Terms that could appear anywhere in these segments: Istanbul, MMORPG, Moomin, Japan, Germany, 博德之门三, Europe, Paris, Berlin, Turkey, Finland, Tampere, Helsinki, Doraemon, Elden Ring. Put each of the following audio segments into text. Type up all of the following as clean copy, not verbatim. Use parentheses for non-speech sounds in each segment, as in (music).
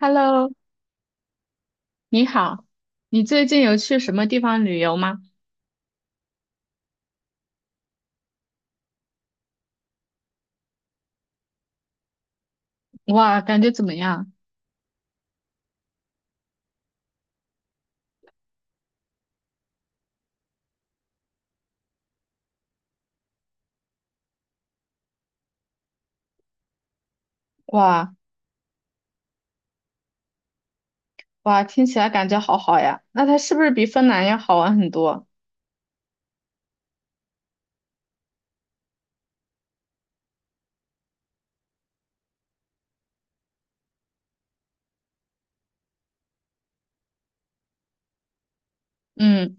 Hello，你好，你最近有去什么地方旅游吗？哇，感觉怎么样？哇哇，听起来感觉好好呀。那它是不是比芬兰要好玩很多？嗯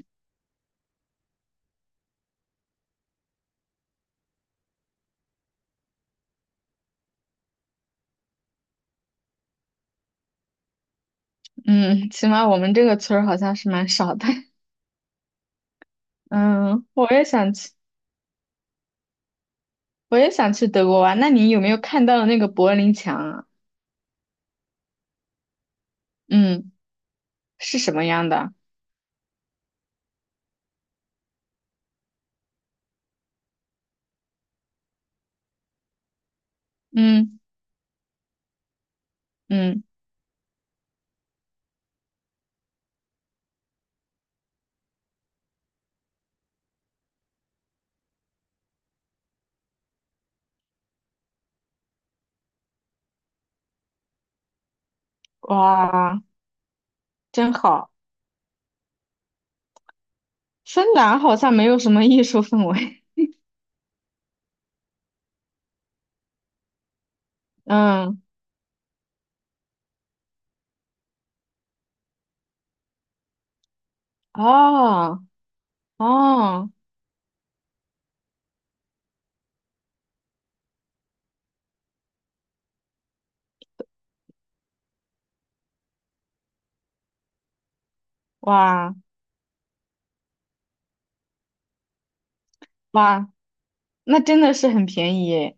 嗯，起码我们这个村儿好像是蛮少的。(laughs) 嗯，我也想去德国玩。那你有没有看到那个柏林墙啊？嗯，是什么样的？嗯嗯，哇，真好。芬兰好像没有什么艺术氛围。(laughs) 嗯，哦哦。哇哇，那真的是很便宜耶！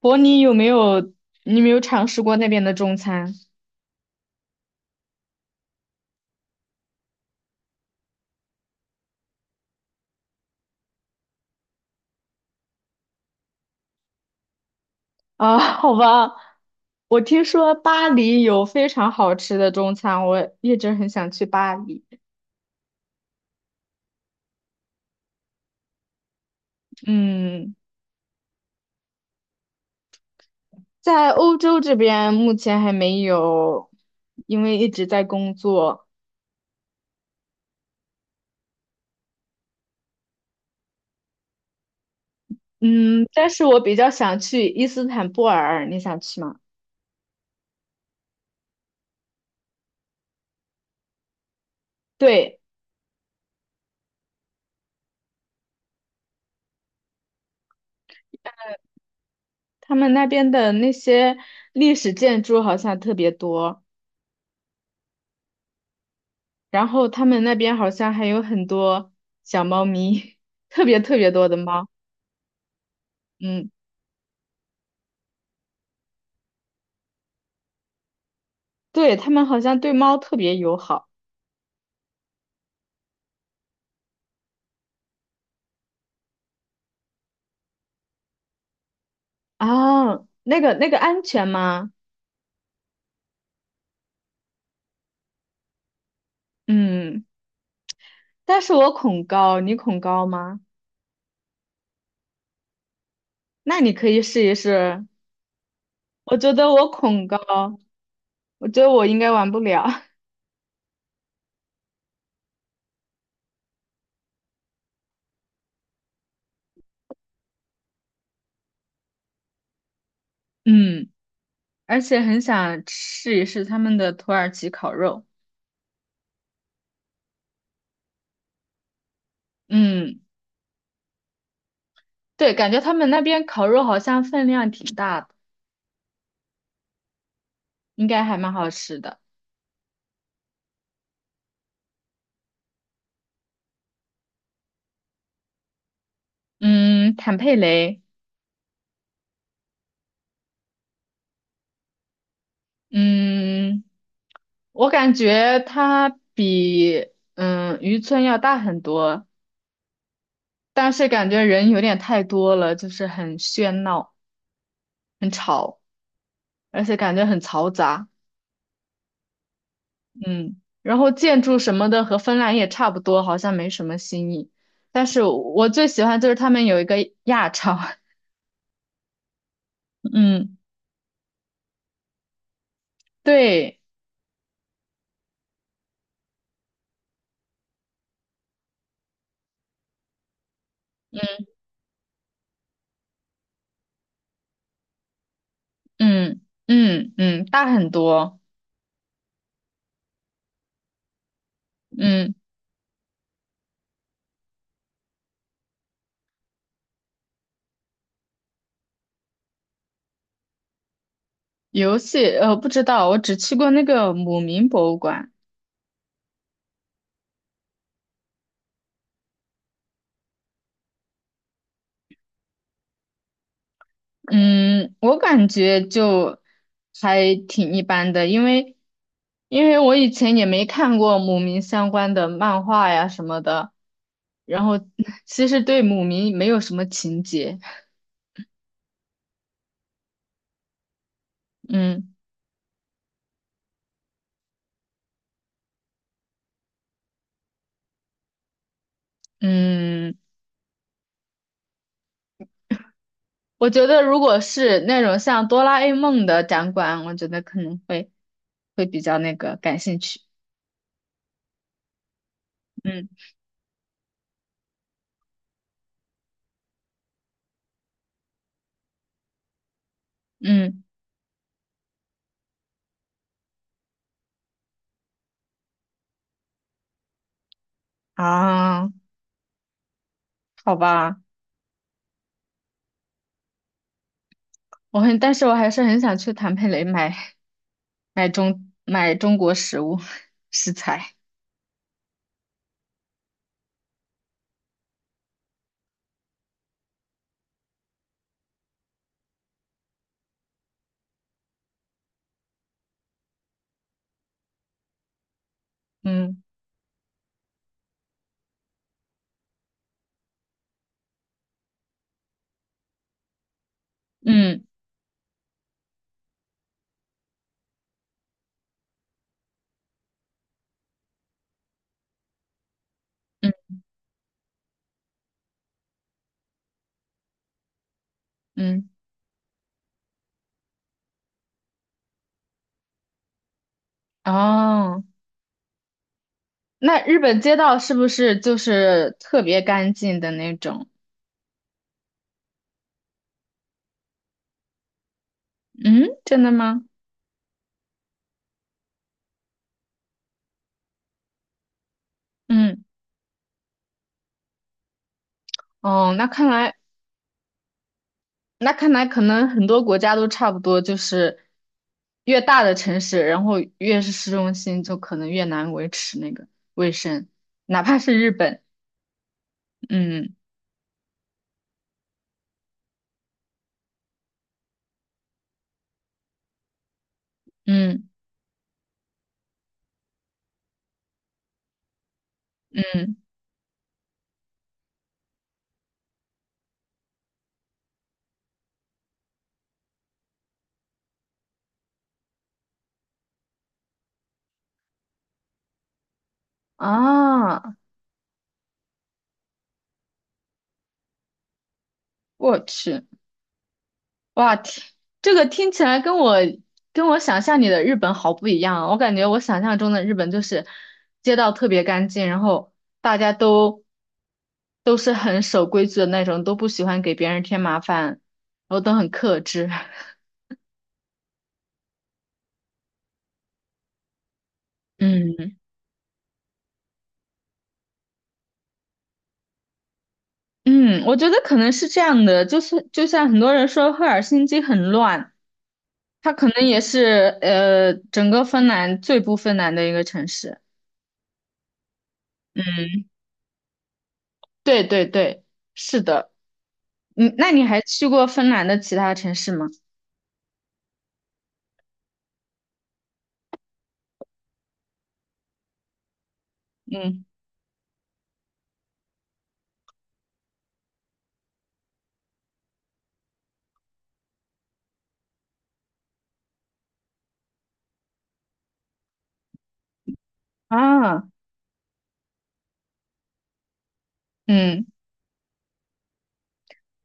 伯尼有没有你有没有尝试过那边的中餐啊？(laughs) 好吧，我听说巴黎有非常好吃的中餐，我一直很想去巴黎。嗯，在欧洲这边目前还没有，因为一直在工作。嗯，但是我比较想去伊斯坦布尔，你想去吗？对，他们那边的那些历史建筑好像特别多。然后他们那边好像还有很多小猫咪，(laughs) 特别特别多的猫。嗯，对，他们好像对猫特别友好啊。那个安全吗？嗯，但是我恐高，你恐高吗？那你可以试一试。我觉得我恐高，我觉得我应该玩不了。(laughs) 嗯，而且很想试一试他们的土耳其烤肉。嗯，对，感觉他们那边烤肉好像分量挺大的，应该还蛮好吃的。嗯，坦佩雷，嗯，我感觉他比渔村要大很多，但是感觉人有点太多了，就是很喧闹、很吵，而且感觉很嘈杂。嗯，然后建筑什么的和芬兰也差不多，好像没什么新意。但是我最喜欢就是他们有一个亚超，(laughs) 嗯，对，嗯嗯嗯，大很多，嗯。游戏，不知道，我只去过那个姆明博物馆。嗯，我感觉就还挺一般的，因为我以前也没看过姆明相关的漫画呀什么的，然后 (laughs) 其实对姆明没有什么情节。嗯嗯，我觉得如果是那种像哆啦 A 梦的展馆，我觉得可能会比较那个感兴趣。嗯嗯啊，好吧。但是我还是很想去坦佩雷买中国食物 (laughs) 食材。嗯嗯嗯嗯，哦，那日本街道是不是就是特别干净的那种？嗯，真的吗？嗯，哦，那看来可能很多国家都差不多，就是越大的城市，然后越是市中心，就可能越难维持那个卫生，哪怕是日本。嗯嗯嗯，啊。我去，哇，这个听起来跟我想象里的日本好不一样啊！我感觉我想象中的日本就是街道特别干净，然后大家都是很守规矩的那种，都不喜欢给别人添麻烦，然后都很克制。(laughs) 嗯嗯，我觉得可能是这样的，就是就像很多人说赫尔辛基很乱，它可能也是整个芬兰最不芬兰的一个城市。嗯，对对对，是的。嗯，那你还去过芬兰的其他城市吗？嗯啊，嗯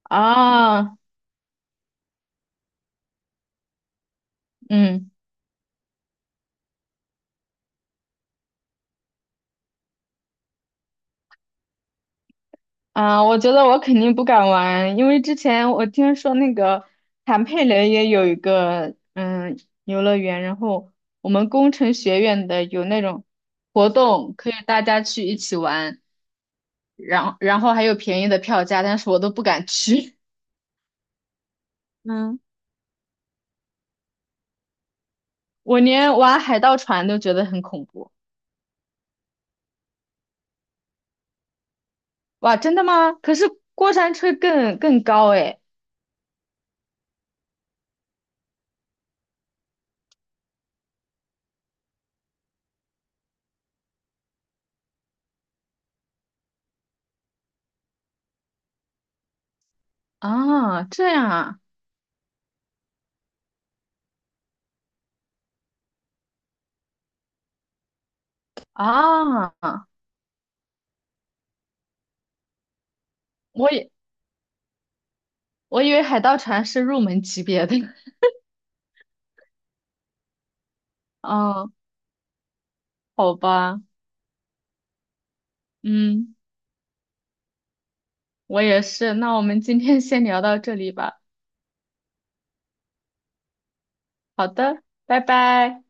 啊，嗯啊，我觉得我肯定不敢玩，因为之前我听说那个坦佩雷也有一个游乐园，然后我们工程学院的有那种活动，可以大家去一起玩，然后还有便宜的票价，但是我都不敢去，(laughs) 嗯，我连玩海盗船都觉得很恐怖。哇，真的吗？可是过山车更高诶。啊，这样啊，啊，我以我以为海盗船是入门级别的，(laughs) 啊，好吧，嗯，我也是，那我们今天先聊到这里吧，好的，拜拜。